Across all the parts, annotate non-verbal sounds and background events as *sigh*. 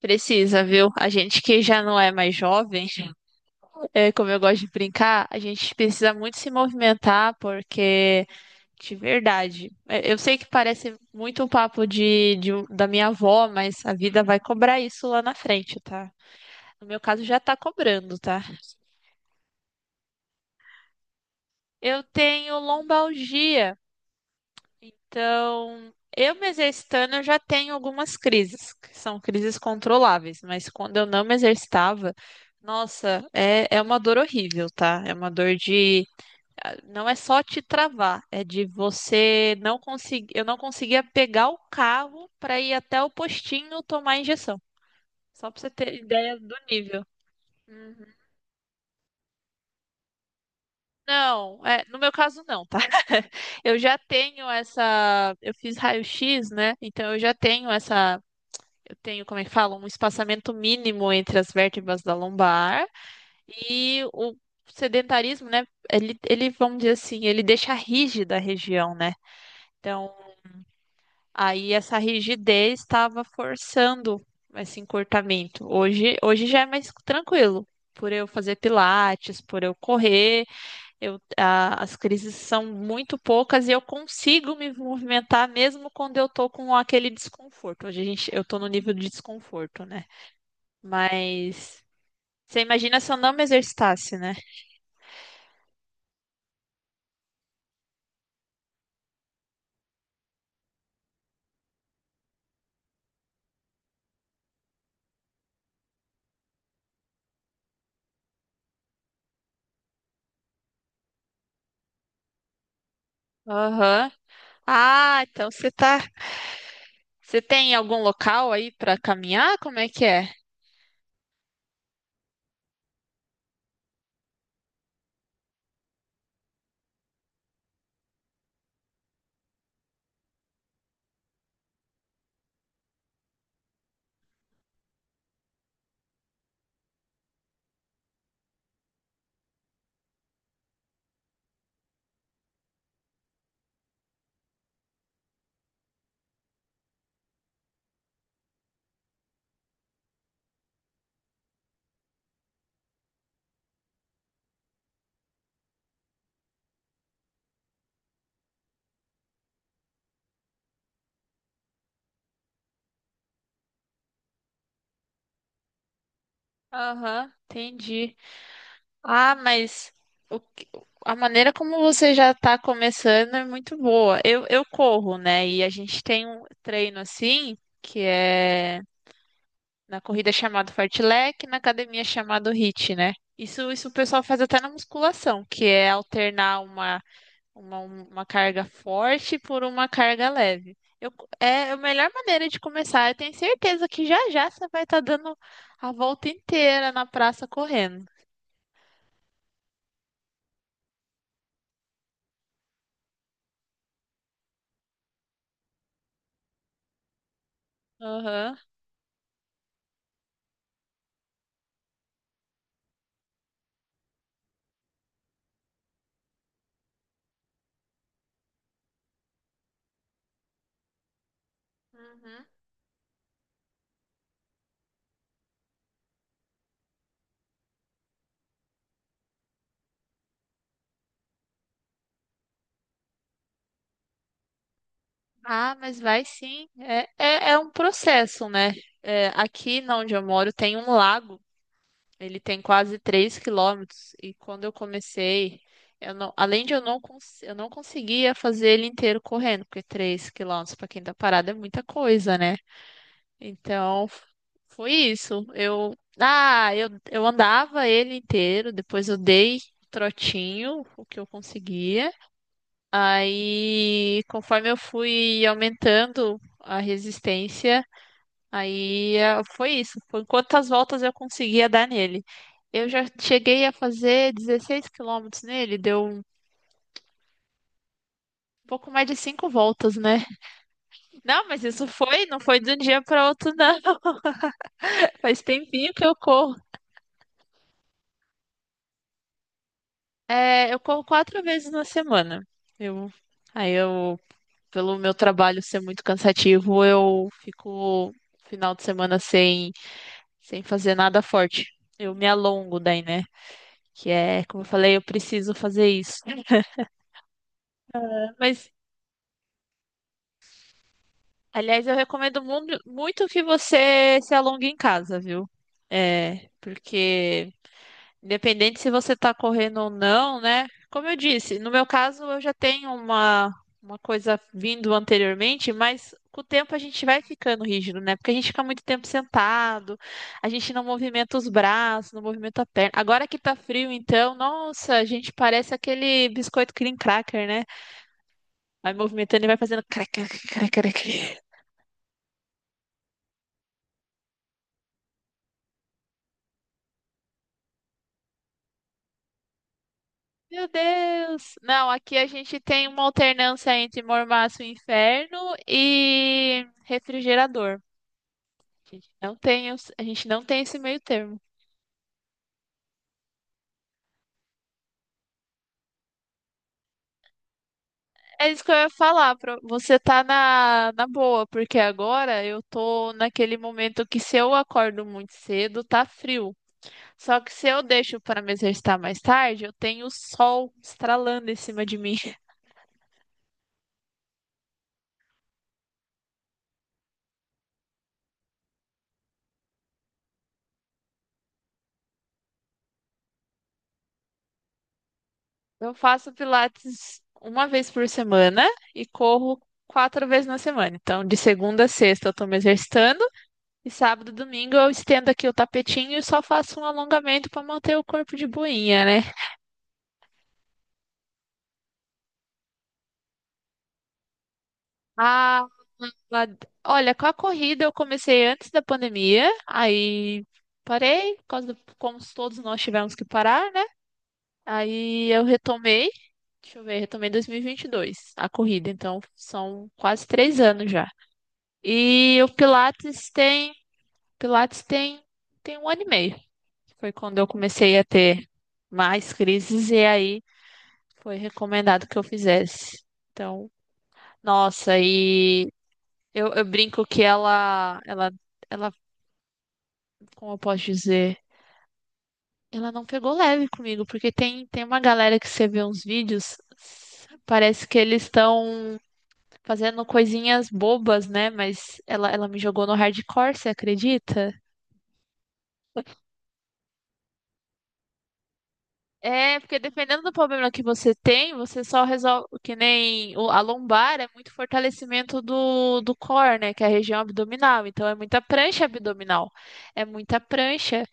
Precisa, viu? A gente que já não é mais jovem, *laughs* é, como eu gosto de brincar, a gente precisa muito se movimentar, porque, de verdade, é, eu sei que parece muito um papo de da minha avó, mas a vida vai cobrar isso lá na frente, tá? No meu caso, já tá cobrando, tá? Eu tenho lombalgia. Então, eu me exercitando, eu já tenho algumas crises, que são crises controláveis, mas quando eu não me exercitava, nossa, é uma dor horrível, tá? É uma dor. Não é só te travar, é de você não conseguir. Eu não conseguia pegar o carro para ir até o postinho tomar a injeção. Só pra você ter ideia do nível. Uhum. Não, é, no meu caso não, tá? *laughs* Eu já tenho essa. Eu fiz raio-x, né? Então eu já tenho essa tenho, como é que fala, um espaçamento mínimo entre as vértebras da lombar e o sedentarismo, né? Ele, vamos dizer assim, ele deixa rígida a região, né? Então, aí essa rigidez estava forçando esse encurtamento. Hoje já é mais tranquilo. Por eu fazer Pilates, por eu correr, as crises são muito poucas e eu consigo me movimentar mesmo quando eu tô com aquele desconforto. Hoje a gente, eu tô no nível de desconforto, né? Mas você imagina se eu não me exercitasse, né? Aham. Ah, então você tá. Você tem algum local aí pra caminhar? Como é que é? Aham, entendi. Ah, mas o que- a maneira como você já tá começando é muito boa. Eu corro, né? E a gente tem um treino assim, que é na corrida chamado fartlek, na academia chamado HIIT, né? Isso o pessoal faz até na musculação, que é alternar uma carga forte por uma carga leve. É a melhor maneira de começar. Eu tenho certeza que já já você vai estar dando a volta inteira na praça correndo. Aham. Uhum. Ah, mas vai sim. É um processo, né? É, aqui na onde eu moro tem um lago. Ele tem quase 3 quilômetros. E quando eu comecei, eu não, além de eu não, eu não conseguia fazer ele inteiro correndo, porque 3 quilômetros para quem tá parado é muita coisa, né? Então, foi isso. Eu andava ele inteiro, depois eu dei trotinho, o que eu conseguia. Aí, conforme eu fui aumentando a resistência, aí foi isso. Foi quantas voltas eu conseguia dar nele. Eu já cheguei a fazer 16 quilômetros nele, deu um pouco mais de cinco voltas, né? Não, mas isso foi, não foi de um dia para outro, não. *laughs* Faz tempinho que eu corro. É, eu corro quatro vezes na semana. Eu, aí eu, pelo meu trabalho ser muito cansativo, eu fico final de semana sem fazer nada forte. Eu me alongo daí, né? Que é, como eu falei, eu preciso fazer isso. Mas, aliás, eu recomendo muito que você se alongue em casa, viu? É, porque independente se você está correndo ou não, né? Como eu disse, no meu caso eu já tenho uma coisa vindo anteriormente, mas com o tempo a gente vai ficando rígido, né? Porque a gente fica muito tempo sentado, a gente não movimenta os braços, não movimenta a perna. Agora que tá frio, então, nossa, a gente parece aquele biscoito cream cracker, né? Vai movimentando e vai fazendo crac, crac, crac, crac. Meu Deus! Não, aqui a gente tem uma alternância entre mormaço e inferno e refrigerador. A gente não tem esse meio termo. É isso que eu ia falar, você tá na, boa, porque agora eu tô naquele momento que se eu acordo muito cedo, tá frio. Só que se eu deixo para me exercitar mais tarde, eu tenho o sol estralando em cima de mim. *laughs* Eu faço Pilates uma vez por semana e corro quatro vezes na semana. Então, de segunda a sexta eu tô me exercitando e sábado e domingo eu estendo aqui o tapetinho e só faço um alongamento para manter o corpo de boinha, né? Ah, mas- olha, com a corrida eu comecei antes da pandemia, aí parei, por causa do, como todos nós tivemos que parar, né? Aí eu retomei, deixa eu ver, retomei em 2022 a corrida, então são quase 3 anos já. E o Pilates tem um ano e meio. Foi quando eu comecei a ter mais crises e aí foi recomendado que eu fizesse. Então, nossa, e eu brinco que ela, como eu posso dizer, ela não pegou leve comigo, porque tem uma galera que você vê uns vídeos, parece que eles estão fazendo coisinhas bobas, né? Mas ela me jogou no hardcore, você acredita? É, porque dependendo do problema que você tem, você só resolve, que nem a lombar é muito fortalecimento do core, né? Que é a região abdominal. Então é muita prancha abdominal. É muita prancha.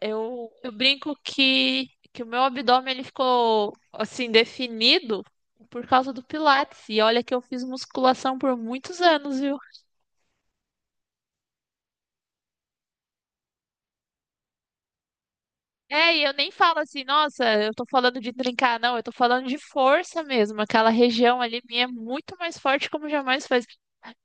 Eu brinco que o meu abdômen ele ficou assim definido por causa do Pilates. E olha que eu fiz musculação por muitos anos, viu? É, e eu nem falo assim, nossa, eu tô falando de trincar, não, eu tô falando de força mesmo. Aquela região ali minha é muito mais forte como jamais faz.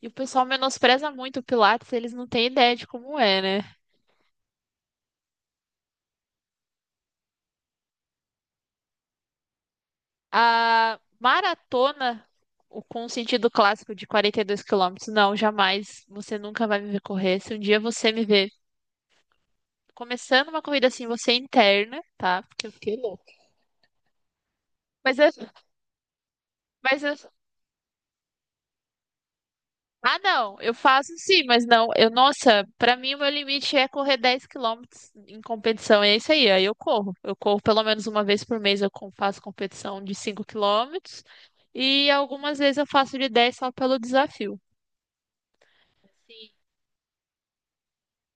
E o pessoal menospreza muito o Pilates, eles não têm ideia de como é, né? A maratona com o sentido clássico de 42 quilômetros, não, jamais. Você nunca vai me ver correr. Se um dia você me ver começando uma corrida assim, você é interna, tá? Porque eu fiquei louca. Mas eu, mas eu, não, eu faço sim, mas não, eu, nossa, pra mim o meu limite é correr 10 quilômetros em competição, é isso aí, aí eu corro. Eu corro pelo menos uma vez por mês, eu faço competição de 5 quilômetros e algumas vezes eu faço de 10 só pelo desafio. Sim.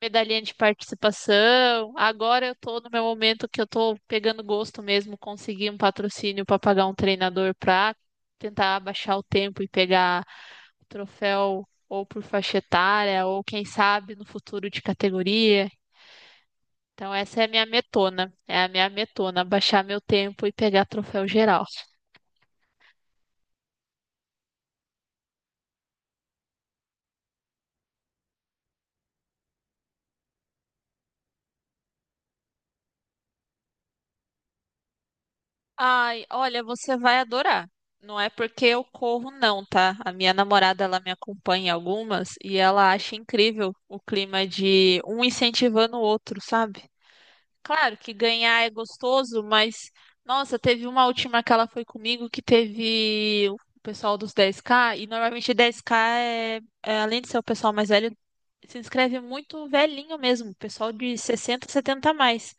Medalhinha de participação. Agora eu tô no meu momento que eu tô pegando gosto mesmo, conseguir um patrocínio para pagar um treinador para tentar abaixar o tempo e pegar o troféu ou por faixa etária, ou quem sabe no futuro de categoria. Então essa é a minha metona, é a minha metona, baixar meu tempo e pegar troféu geral. Ai, olha, você vai adorar. Não é porque eu corro, não, tá? A minha namorada, ela me acompanha em algumas e ela acha incrível o clima de um incentivando o outro, sabe? Claro que ganhar é gostoso, mas nossa, teve uma última que ela foi comigo que teve o pessoal dos 10K e normalmente 10K é, além de ser o pessoal mais velho, se inscreve muito velhinho mesmo, pessoal de 60, 70 a mais.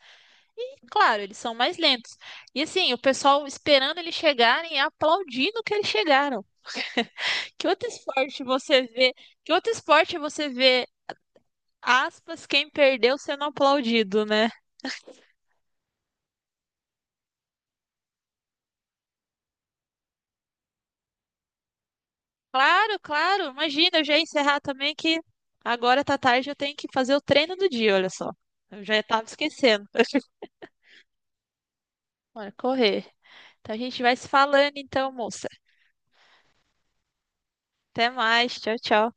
Claro, eles são mais lentos. E assim, o pessoal esperando eles chegarem e aplaudindo que eles chegaram. Que outro esporte você vê? Que outro esporte você vê, aspas, quem perdeu sendo aplaudido, né? Claro, claro. Imagina, eu já ia encerrar também que agora tá tarde, eu tenho que fazer o treino do dia, olha só. Eu já tava esquecendo. *laughs* Bora correr. Então a gente vai se falando então, moça. Até mais. Tchau, tchau.